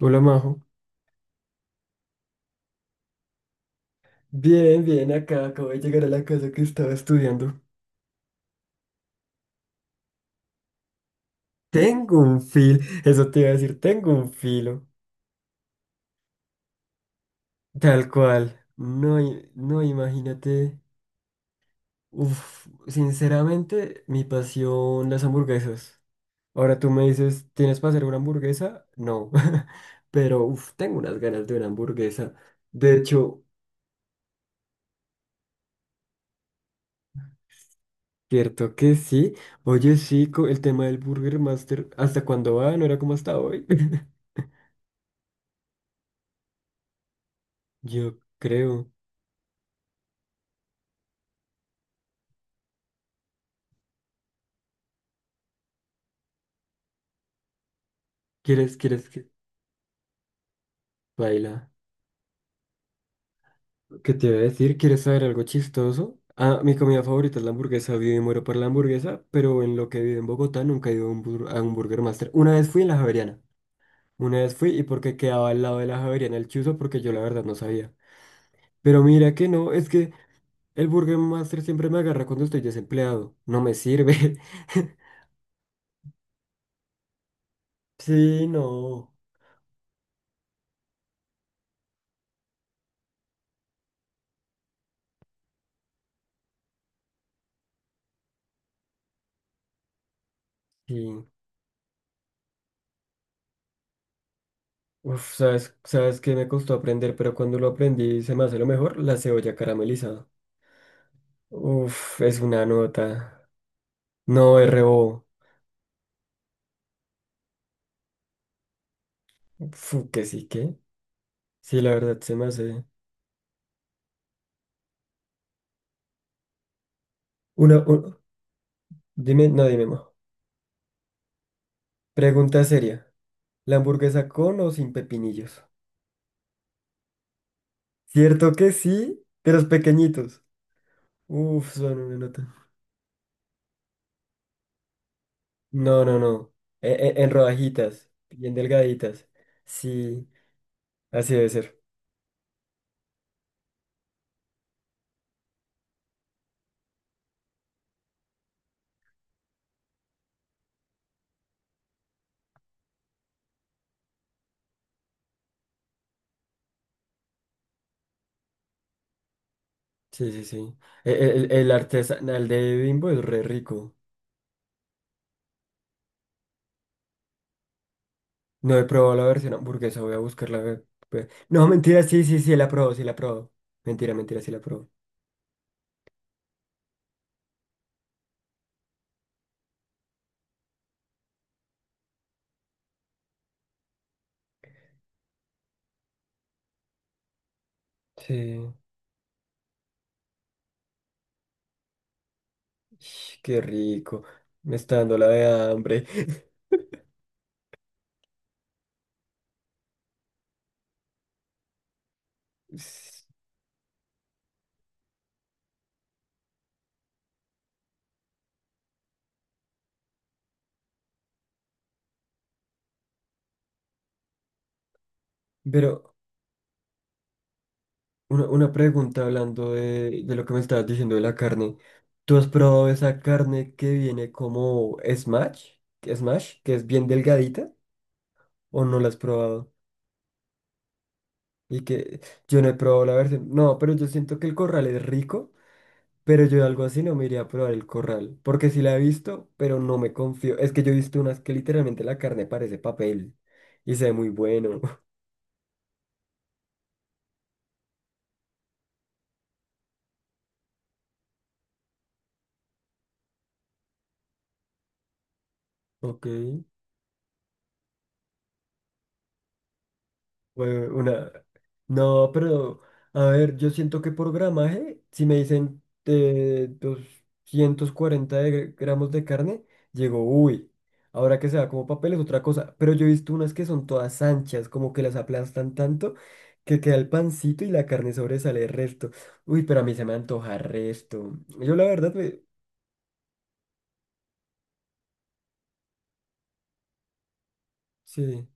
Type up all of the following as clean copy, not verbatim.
Hola Majo. Bien, bien, acá acabo de llegar a la casa que estaba estudiando. Tengo un fil, eso te iba a decir, tengo un filo. Tal cual. No, no, imagínate. Uf, sinceramente, mi pasión, las hamburguesas. Ahora tú me dices, ¿tienes para hacer una hamburguesa? No. Pero uf, tengo unas ganas de una hamburguesa. De hecho, cierto que sí. Oye, sí, el tema del Burger Master, ¿hasta cuándo va? ¿No era como hasta hoy? Yo creo. ¿Quieres que baila? ¿Qué te iba a decir? ¿Quieres saber algo chistoso? Ah, mi comida favorita es la hamburguesa. Vivo y muero por la hamburguesa, pero en lo que vivo en Bogotá nunca he ido a a un Burger Master. Una vez fui en la Javeriana. Una vez fui y porque quedaba al lado de la Javeriana el chuzo porque yo la verdad no sabía. Pero mira que no, es que el Burger Master siempre me agarra cuando estoy desempleado. No me sirve. Sí, no. Sí. Uf, sabes que me costó aprender, pero cuando lo aprendí se me hace lo mejor, la cebolla caramelizada. Uf, es una nota. No, RO. Fu, que. Sí, la verdad se me hace. Una, un, dime, no, dime, mo. Pregunta seria. ¿La hamburguesa con o sin pepinillos? Cierto que sí, de los pequeñitos. Uf, son una nota. No, no, no. En rodajitas, bien delgaditas. Sí, así debe ser. Sí, sí, sí. El artesanal de Bimbo es re rico. No he probado la versión hamburguesa, voy a buscar No, mentira, sí, sí, sí, la probó, sí, la probó. Mentira, mentira, sí, la probó. Sí, ish, qué rico. Me está dando la de hambre. S- Pero una pregunta hablando de lo que me estabas diciendo de la carne. ¿Tú has probado esa carne que viene como smash? Smash, que es bien delgadita, ¿o no la has probado? Y que yo no he probado la versión. No, pero yo siento que el corral es rico. Pero yo algo así no me iría a probar el corral, porque sí la he visto, pero no me confío. Es que yo he visto unas que literalmente la carne parece papel y se ve muy bueno. Ok. Fue una... No, pero a ver, yo siento que por gramaje, si me dicen 240 gramos de carne, llego, uy, ahora que se va como papel es otra cosa. Pero yo he visto unas que son todas anchas, como que las aplastan tanto que queda el pancito y la carne sobresale el resto. Uy, pero a mí se me antoja resto. Yo la verdad, sí,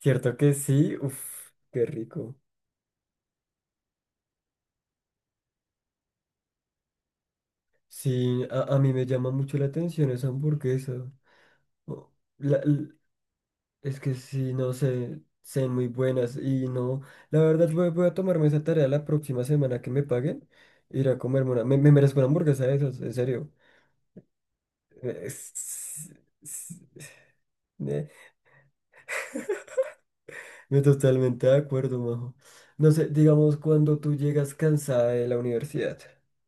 cierto que sí, uff, qué rico. Sí, a mí me llama mucho la atención esa hamburguesa. o- la- l- es que sí, no sé, sé muy buenas y no, la verdad voy a tomarme esa tarea la próxima semana que me paguen, ir a comerme una, me merezco una hamburguesa de esas, en serio. Es- es- eh, Me totalmente de acuerdo, majo. No sé, digamos cuando tú llegas cansada de la universidad,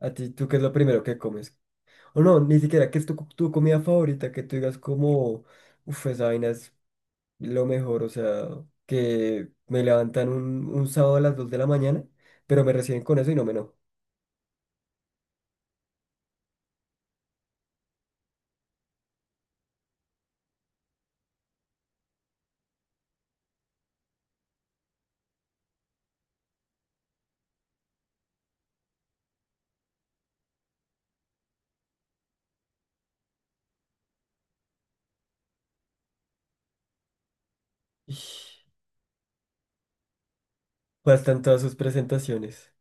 a ti, ¿tú qué es lo primero que comes? O no, ni siquiera, ¿qué es tu comida favorita? Que tú digas como, uff, esa vaina lo mejor, o sea, que me levantan un sábado a las 2 de la mañana, pero me reciben con eso y no me no. Ish, bastan todas sus presentaciones.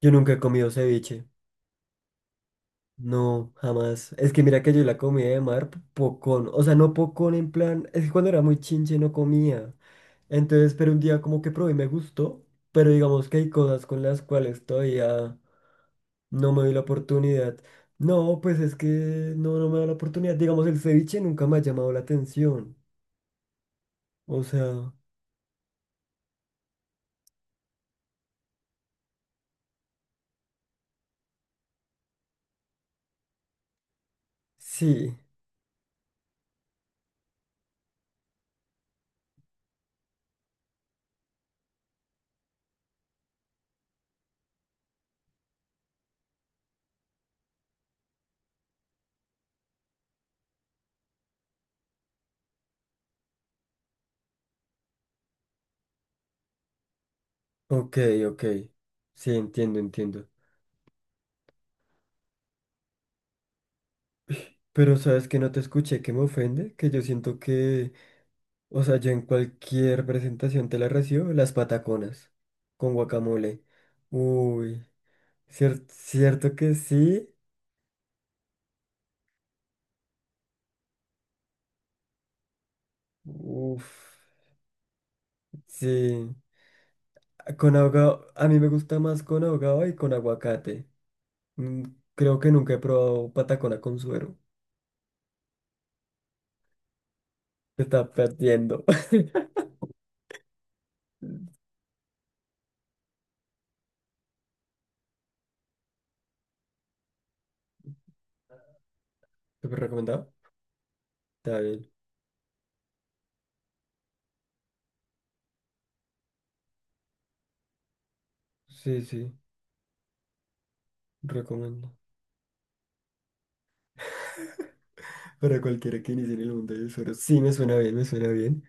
Yo nunca he comido ceviche. No, jamás. Es que mira que yo la comida de mar, pocón. O sea, no pocón en plan. Es que cuando era muy chinche no comía. Entonces, pero un día como que probé y me gustó. Pero digamos que hay cosas con las cuales todavía no me doy la oportunidad. No, pues es que no, no me da la oportunidad. Digamos, el ceviche nunca me ha llamado la atención. O sea, sí, ok, ok, sí, entiendo, entiendo. Pero sabes que no te escuché, que me ofende, que yo siento que, o sea, yo en cualquier presentación te la recibo, las pataconas con guacamole. Uy, cierto, cierto que sí. Uf, sí. Ah, con ahogado, a mí me gusta más con ahogado y con aguacate. Mm, creo que nunca he probado patacona con suero. Te está perdiendo. ¿Súper recomendado? Está bien. Sí, sí. Recomiendo. Para cualquiera que inicie en el mundo del suero. Sí, me suena bien, me suena bien.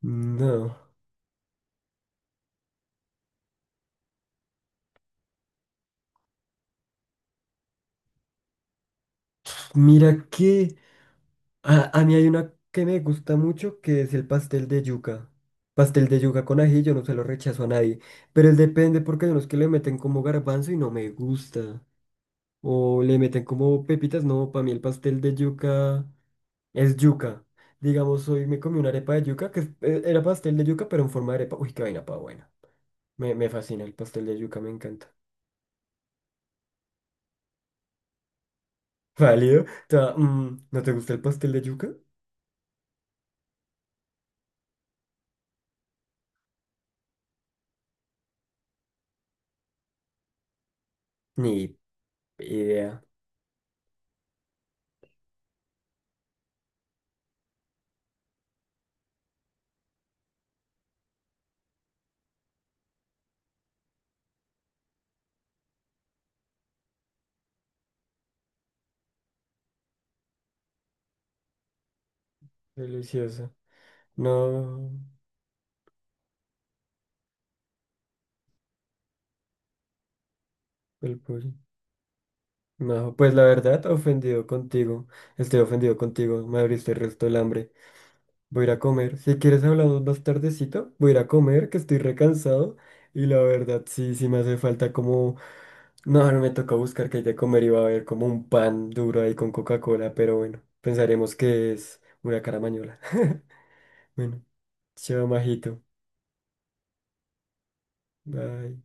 No. Mira que a mí hay una que me gusta mucho que es el pastel de yuca. Pastel de yuca con ají, yo no se lo rechazo a nadie. Pero él depende porque hay unos que le meten como garbanzo y no me gusta. O le meten como pepitas. No, para mí el pastel de yuca es yuca. Digamos, hoy me comí una arepa de yuca que era pastel de yuca, pero en forma de arepa. Uy, qué vaina pa' buena. Me fascina el pastel de yuca, me encanta. Válido. ¿No te gusta el pastel de yuca? Ni idea. Delicioso. No, el pollo. No, pues la verdad, ofendido contigo. Estoy ofendido contigo. Me abriste el resto del hambre. Voy a ir a comer. Si quieres hablamos más tardecito, voy a ir a comer, que estoy recansado. Y la verdad, sí, sí me hace falta como... No, ahora me toca buscar qué hay de comer. Iba a haber como un pan duro ahí con Coca-Cola, pero bueno, pensaremos que es una caramañola. Bueno, chao, majito. Bye.